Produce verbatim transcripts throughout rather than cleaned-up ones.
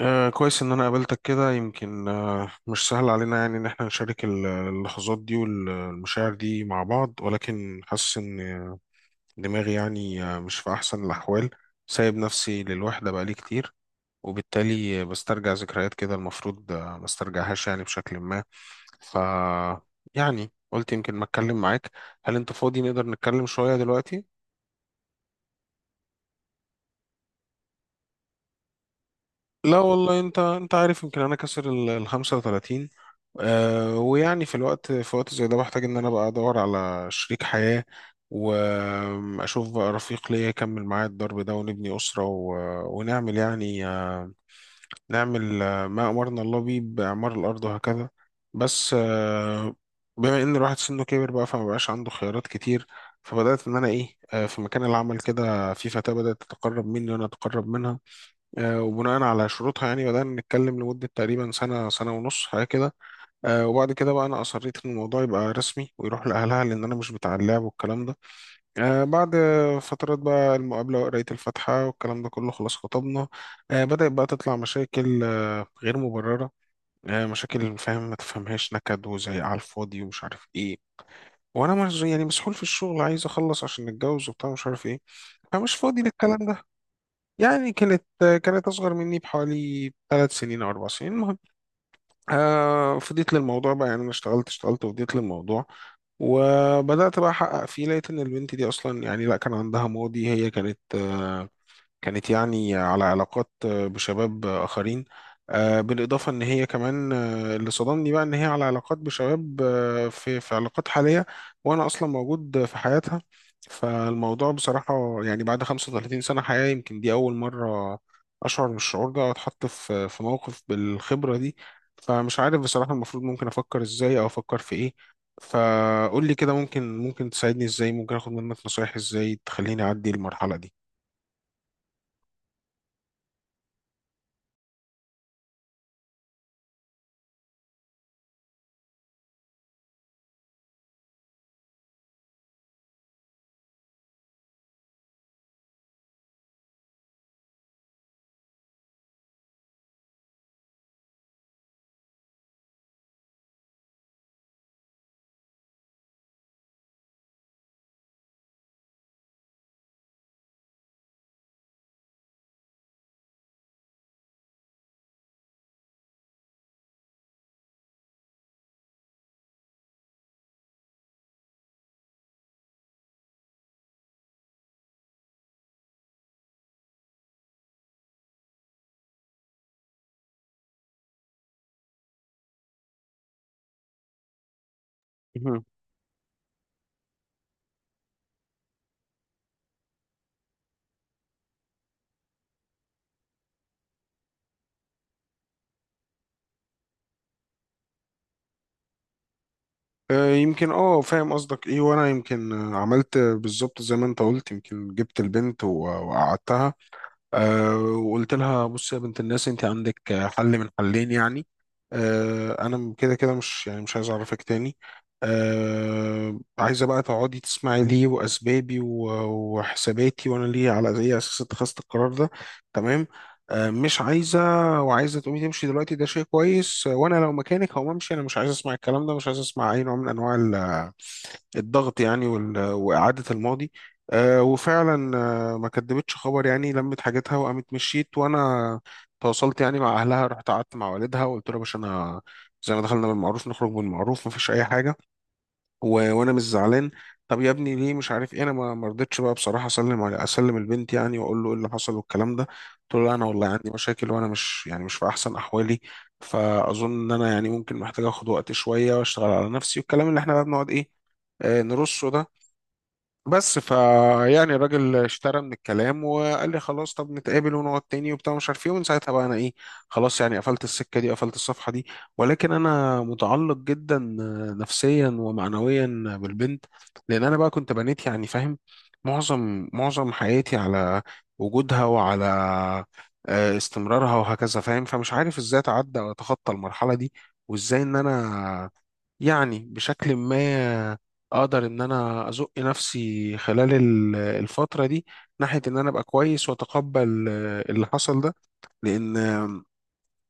آه كويس إن أنا قابلتك كده. يمكن آه مش سهل علينا، يعني إن إحنا نشارك ال- اللحظات دي والمشاعر دي مع بعض، ولكن حاسس إن دماغي، يعني آه مش في أحسن الأحوال. سايب نفسي للوحدة بقالي كتير، وبالتالي بسترجع ذكريات كده المفروض آه ما استرجعهاش، يعني بشكل ما. ف يعني قلت يمكن ما أتكلم معاك. هل أنت فاضي نقدر نتكلم شوية دلوقتي؟ لا والله، انت انت عارف، يمكن انا كسر ال ال الخامسة والثلاثين. آه ويعني في الوقت في وقت زي ده بحتاج ان انا بقى ادور على شريك حياة، واشوف بقى رفيق ليا يكمل معايا الضرب ده ونبني أسرة و... ونعمل، يعني آه نعمل آه، ما امرنا الله بيه باعمار الارض، وهكذا. بس، آه بما ان الواحد سنه كبر بقى فما بقاش عنده خيارات كتير. فبدأت ان انا ايه آه في مكان العمل كده في فتاة بدأت تتقرب مني وانا اتقرب منها. آه، وبناء على شروطها يعني بدأنا نتكلم لمدة تقريبا سنة، سنة ونص حاجة كده. آه، وبعد كده بقى أنا أصريت إن الموضوع يبقى رسمي ويروح لأهلها، لأن أنا مش بتاع اللعب والكلام ده. آه، بعد فترات بقى المقابلة وقراية الفاتحة والكلام ده كله، خلاص، خطبنا. آه، بدأت بقى تطلع مشاكل آه، غير مبررة. آه، مشاكل فاهم ما تفهمهاش، نكد وزعيق على الفاضي ومش عارف إيه. وأنا مش يعني مسحول في الشغل، عايز أخلص عشان نتجوز وبتاع، مش عارف إيه، فمش فاضي للكلام ده. يعني كانت كانت أصغر مني بحوالي ثلاث سنين أو أربع سنين، المهم. آه فضيت للموضوع بقى، يعني أنا اشتغلت اشتغلت وفضيت للموضوع، وبدأت بقى أحقق فيه. لقيت إن البنت دي أصلا، يعني لا، كان عندها ماضي. هي كانت آه كانت يعني على علاقات بشباب آخرين. آه، بالإضافة إن هي كمان، آه، اللي صدمني بقى إن هي على علاقات بشباب، آه، في في علاقات حالية وأنا أصلا موجود في حياتها. فالموضوع بصراحة، يعني بعد خمسة وثلاثين سنة حياة، يمكن دي أول مرة أشعر بالشعور ده وأتحط في في موقف بالخبرة دي. فمش عارف بصراحة، المفروض ممكن أفكر إزاي أو أفكر في إيه. فقول لي كده، ممكن ممكن تساعدني إزاي، ممكن آخد منك نصايح إزاي تخليني أعدي المرحلة دي. آه، يمكن اه فاهم قصدك ايه، وانا يمكن آه، عملت بالظبط زي ما انت قلت. يمكن جبت البنت و- وقعدتها. أه وقلت لها: بصي يا بنت الناس، انت عندك آه، حل من حلين، يعني أه انا م- كده كده، مش يعني مش عايز اعرفك تاني. أه عايزه بقى تقعدي تسمعي ليه، واسبابي و- وحساباتي، وانا ليه على اي اساس اتخذت القرار ده، تمام. أه مش عايزه وعايزه تقومي تمشي دلوقتي، ده شيء كويس. آه، وانا لو مكانك هقوم امشي. انا مش عايز اسمع الكلام ده، مش عايز اسمع اي نوع من انواع ال- الضغط، يعني وال- واعاده الماضي. أه وفعلا ما كدبتش خبر، يعني لمت حاجتها وقامت مشيت، وانا تواصلت يعني مع اهلها، رحت قعدت مع والدها وقلت له: يا باشا، انا زي ما دخلنا بالمعروف نخرج بالمعروف، مفيش اي حاجه و... وانا مش زعلان. طب يا ابني ليه؟ مش عارف ايه، انا ما ما رضيتش بقى بصراحه اسلم على، اسلم البنت يعني، واقول له ايه اللي حصل والكلام ده. قلت له: لا، انا والله عندي مشاكل، وانا مش يعني مش في احسن احوالي، فاظن ان انا يعني ممكن محتاج اخد وقت شويه واشتغل على نفسي، والكلام اللي احنا بقى بنقعد ايه آه، نرصه ده. بس فا يعني الراجل اشترى من الكلام وقال لي: خلاص، طب نتقابل ونقعد تاني وبتاع، مش عارف ايه. ومن ساعتها بقى انا ايه، خلاص، يعني قفلت السكه دي، قفلت الصفحه دي. ولكن انا متعلق جدا نفسيا ومعنويا بالبنت، لان انا بقى كنت بنيت يعني، فاهم، معظم معظم حياتي على وجودها وعلى آه، استمرارها وهكذا، فاهم. فمش عارف ازاي اتعدى واتخطى المرحله دي، وازاي ان انا يعني بشكل ما اقدر ان انا ازق نفسي خلال ال- الفترة دي، ناحية ان انا ابقى كويس واتقبل آه، اللي حصل ده. لان، آم،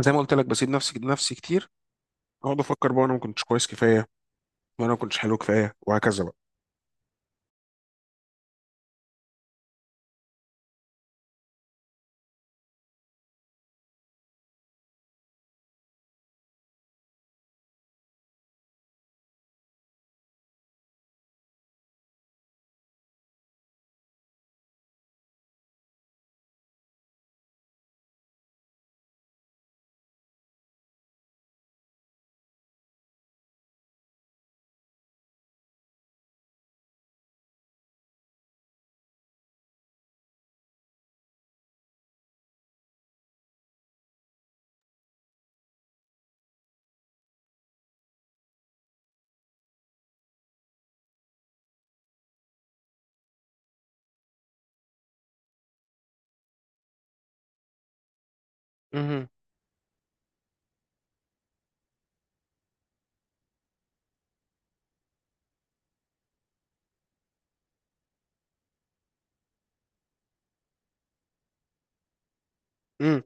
زي ما قلت لك بسيب نفسي نفسي كتير. اقعد افكر بقى انا ما كنتش كويس كفاية، وانا ما كنتش حلو كفاية، وهكذا بقى. مهم. مم.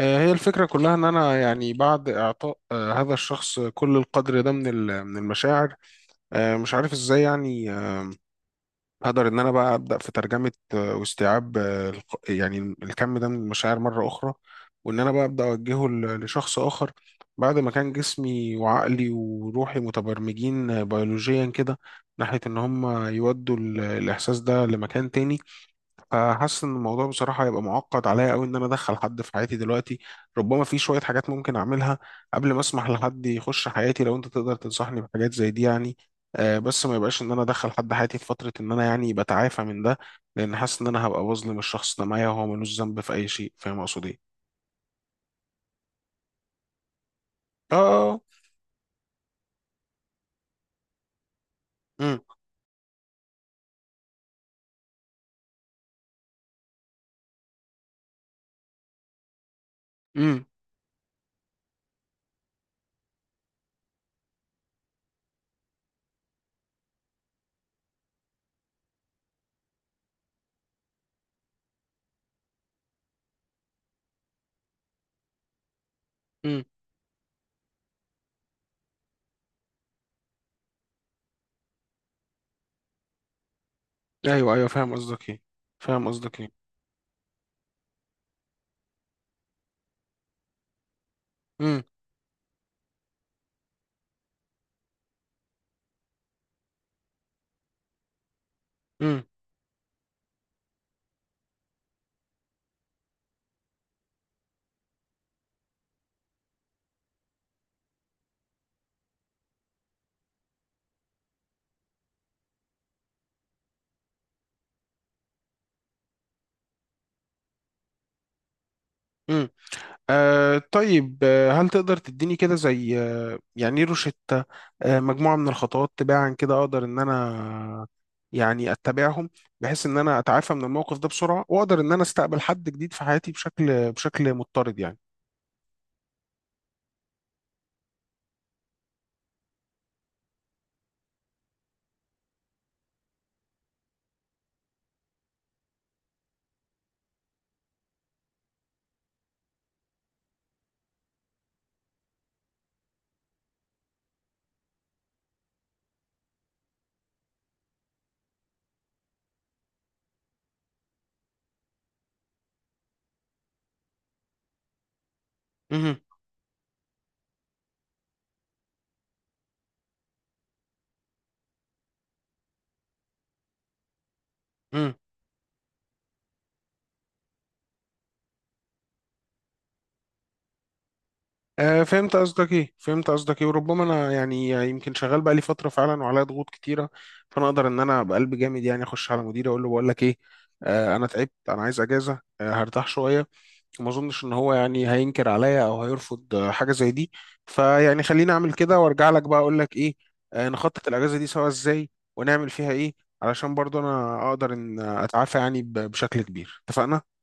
آه، هي الفكرة كلها إن أنا، يعني بعد إعطاء آه، هذا الشخص كل القدر ده من ال- من المشاعر، آه، مش عارف إزاي يعني هقدر ان انا بقى ابدا في ترجمه آه، واستيعاب آه، الق- يعني الكم ده من المشاعر مره اخرى، وان انا بقى ابدا اوجهه ل- لشخص اخر، بعد ما كان جسمي وعقلي وروحي متبرمجين آه، بيولوجيا كده، ناحيه ان هم يودوا ال- الاحساس ده لمكان تاني. فحاسس ان الموضوع بصراحه هيبقى معقد عليا قوي، ان انا ادخل حد في حياتي دلوقتي. ربما في شويه حاجات ممكن اعملها قبل ما اسمح لحد يخش حياتي، لو انت تقدر تنصحني بحاجات زي دي يعني، آه بس ما يبقاش ان انا ادخل حد حياتي في فتره ان انا يعني بتعافى من ده، لان حاسس ان انا هبقى بظلم الشخص ده معايا، وهو ملوش ذنب في اي شيء. فاهم اقصد ايه؟ اه. اه. امم. امم. امم. ايوه، ايوه، فاهم قصدك ايه، فاهم قصدك ايه. امم. امم. آه طيب، آه، هل تقدر تديني كده زي آه يعني إيه روشتة، آه مجموعة من الخطوات تباعا كده أقدر إن أنا، يعني أتبعهم، بحيث إن أنا أتعافى من الموقف ده بسرعة، وأقدر إن أنا أستقبل حد جديد في حياتي بشكل بشكل مضطرد، يعني. مهم. مهم. آه فهمت قصدك ايه، فهمت قصدك ايه. وربما انا يعني يمكن شغال بقالي فتره فعلا، وعليا ضغوط كتيره، فانا اقدر ان انا بقلب جامد يعني اخش على مديري اقول له: بقول لك ايه، آه انا تعبت، انا عايز اجازه، آه هرتاح شويه. وما اظنش ان هو يعني هينكر عليا او هيرفض حاجه زي دي. فيعني خليني اعمل كده وارجع لك بقى اقول لك ايه، آه، نخطط الاجازه دي سوا ازاي، ونعمل فيها ايه، علشان برضو انا اقدر ان اتعافى يعني ب- بشكل كبير. اتفقنا.